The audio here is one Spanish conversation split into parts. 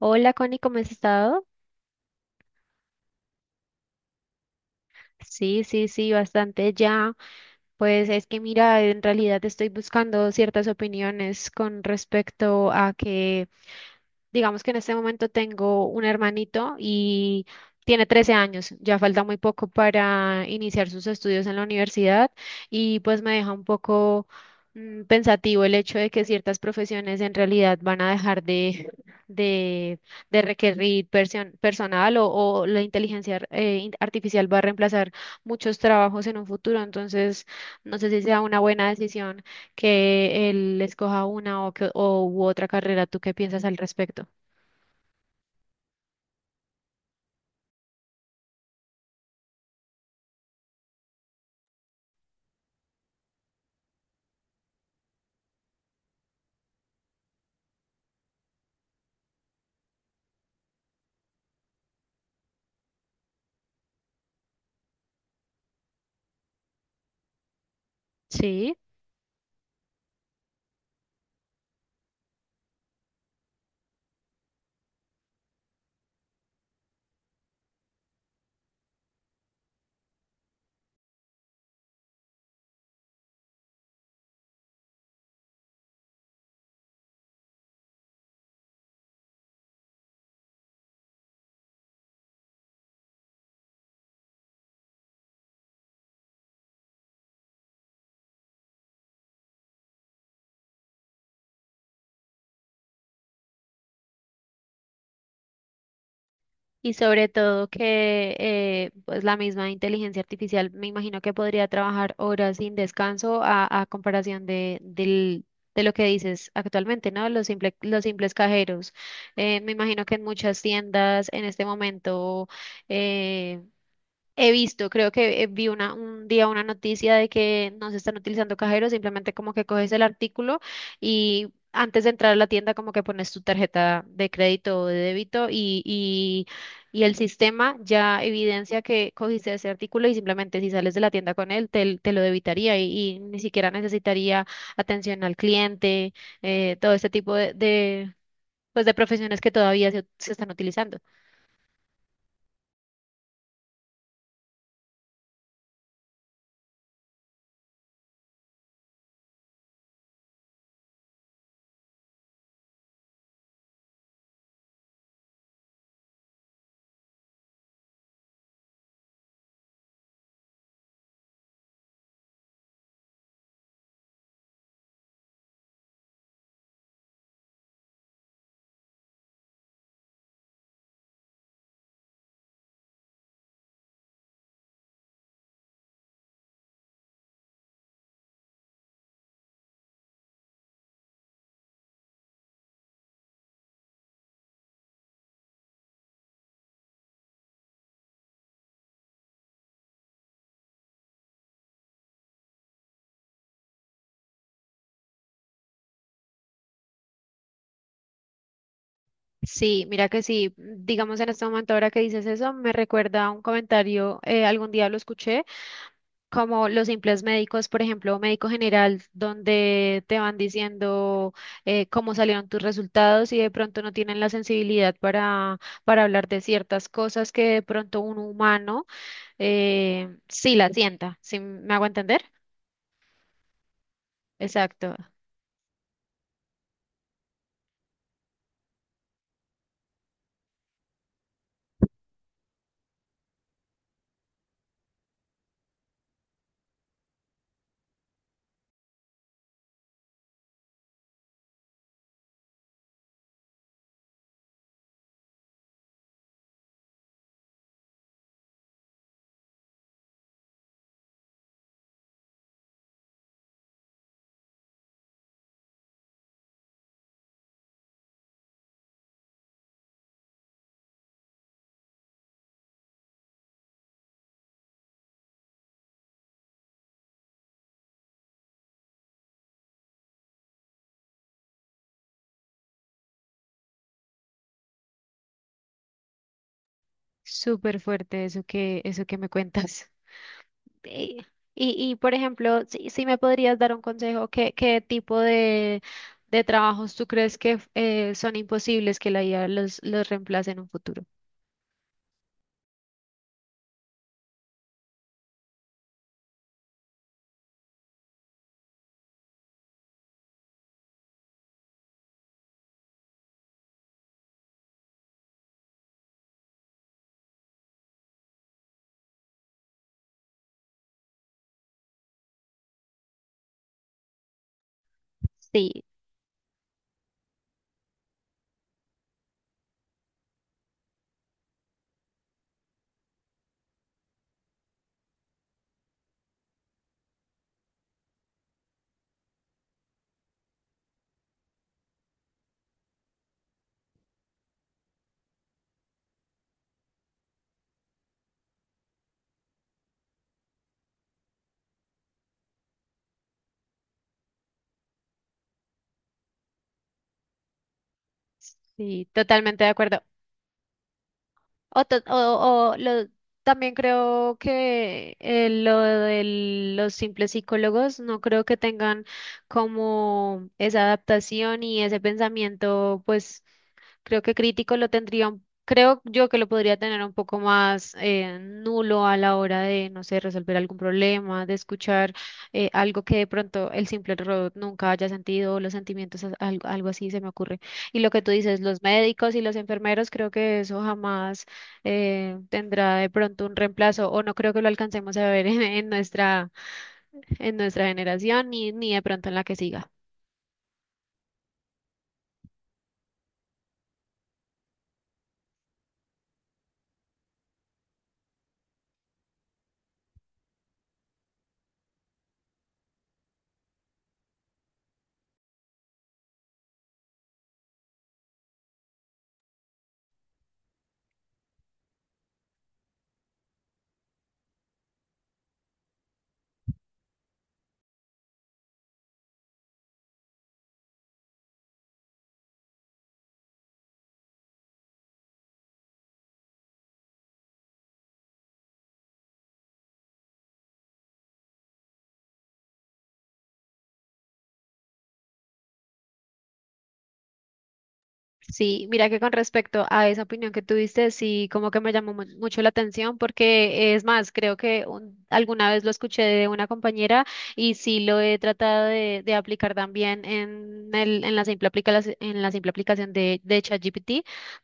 Hola Connie, ¿cómo has estado? Sí, sí, sí, bastante ya. Pues es que mira, en realidad estoy buscando ciertas opiniones con respecto a que digamos que en este momento tengo un hermanito y tiene 13 años, ya falta muy poco para iniciar sus estudios en la universidad y pues me deja un poco pensativo el hecho de que ciertas profesiones en realidad van a dejar de, de requerir personal o la inteligencia artificial va a reemplazar muchos trabajos en un futuro. Entonces no sé si sea una buena decisión que él escoja una o, que, o u otra carrera. ¿Tú qué piensas al respecto? Sí, y sobre todo que pues la misma inteligencia artificial me imagino que podría trabajar horas sin descanso a comparación de lo que dices actualmente, ¿no? Los simples cajeros. Me imagino que en muchas tiendas en este momento eh, he visto, creo que vi un día una noticia de que no se están utilizando cajeros, simplemente como que coges el artículo y antes de entrar a la tienda como que pones tu tarjeta de crédito o de débito y el sistema ya evidencia que cogiste ese artículo y simplemente si sales de la tienda con él te lo debitaría y ni siquiera necesitaría atención al cliente. Todo este tipo de profesiones que todavía se están utilizando. Sí, mira que sí, digamos en este momento ahora que dices eso, me recuerda a un comentario. Algún día lo escuché, como los simples médicos, por ejemplo, médico general, donde te van diciendo cómo salieron tus resultados y de pronto no tienen la sensibilidad para hablar de ciertas cosas que de pronto un humano sí la sienta. ¿Sí me hago entender? Exacto, súper fuerte eso que me cuentas. Y, y por ejemplo, si me podrías dar un consejo, ¿qué, qué tipo de trabajos tú crees que son imposibles que la IA los reemplace en un futuro? Sí, sí, totalmente de acuerdo. O, ta- o lo- También creo que lo de los simples psicólogos no creo que tengan como esa adaptación y ese pensamiento. Pues creo que crítico lo tendría, creo yo que lo podría tener un poco más nulo a la hora de, no sé, resolver algún problema, de escuchar algo que de pronto el simple robot nunca haya sentido, o los sentimientos, algo así se me ocurre. Y lo que tú dices, los médicos y los enfermeros, creo que eso jamás tendrá de pronto un reemplazo, o no creo que lo alcancemos a ver en nuestra generación, ni, ni de pronto en la que siga. Sí, mira que con respecto a esa opinión que tuviste, sí, como que me llamó mucho la atención porque es más, creo que alguna vez lo escuché de una compañera y sí lo he tratado de aplicar también en la simple aplicación, en la simple aplicación de ChatGPT,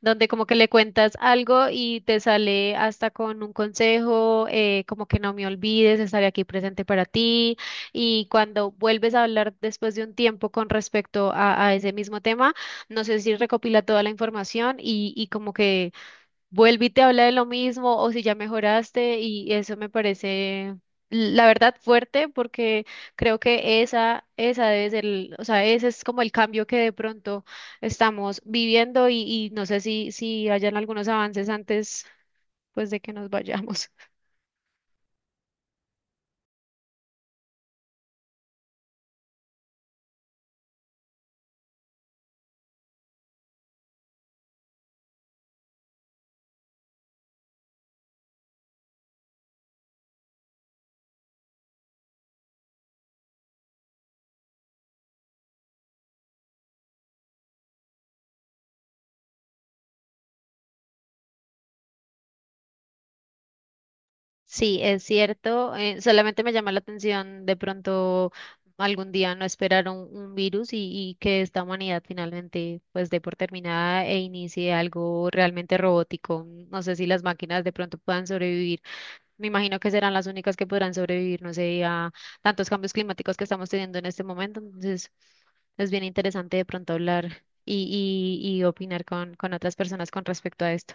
donde como que le cuentas algo y te sale hasta con un consejo. Como que no me olvides, estaré aquí presente para ti y cuando vuelves a hablar después de un tiempo con respecto a ese mismo tema, no sé si recopila toda la información y como que vuelve y te habla de lo mismo o si ya mejoraste, y eso me parece, la verdad, fuerte, porque creo que esa debe ser, o sea, ese es como el cambio que de pronto estamos viviendo. Y no sé si hayan algunos avances antes pues de que nos vayamos. Sí, es cierto. Solamente me llama la atención de pronto algún día no esperar un virus y que esta humanidad finalmente pues dé por terminada e inicie algo realmente robótico. No sé si las máquinas de pronto puedan sobrevivir. Me imagino que serán las únicas que podrán sobrevivir, no sé, a tantos cambios climáticos que estamos teniendo en este momento. Entonces, es bien interesante de pronto hablar y opinar con otras personas con respecto a esto.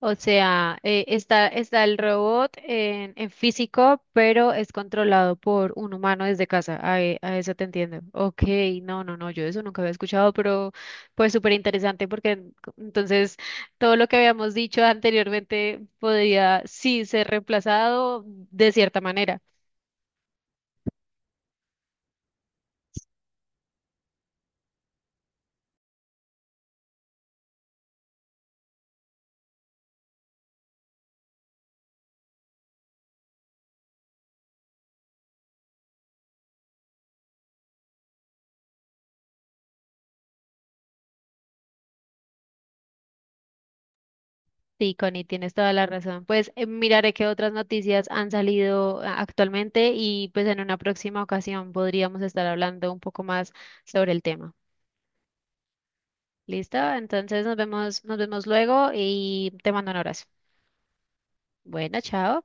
O sea, está, está el robot en físico, pero es controlado por un humano desde casa. A eso te entiendo. Ok, no, no, no, yo eso nunca había escuchado, pero pues súper interesante porque entonces todo lo que habíamos dicho anteriormente podría sí ser reemplazado de cierta manera. Sí, Connie, tienes toda la razón. Pues miraré qué otras noticias han salido, ah, actualmente, y pues en una próxima ocasión podríamos estar hablando un poco más sobre el tema. Listo, entonces nos vemos luego y te mando un abrazo. Bueno, chao.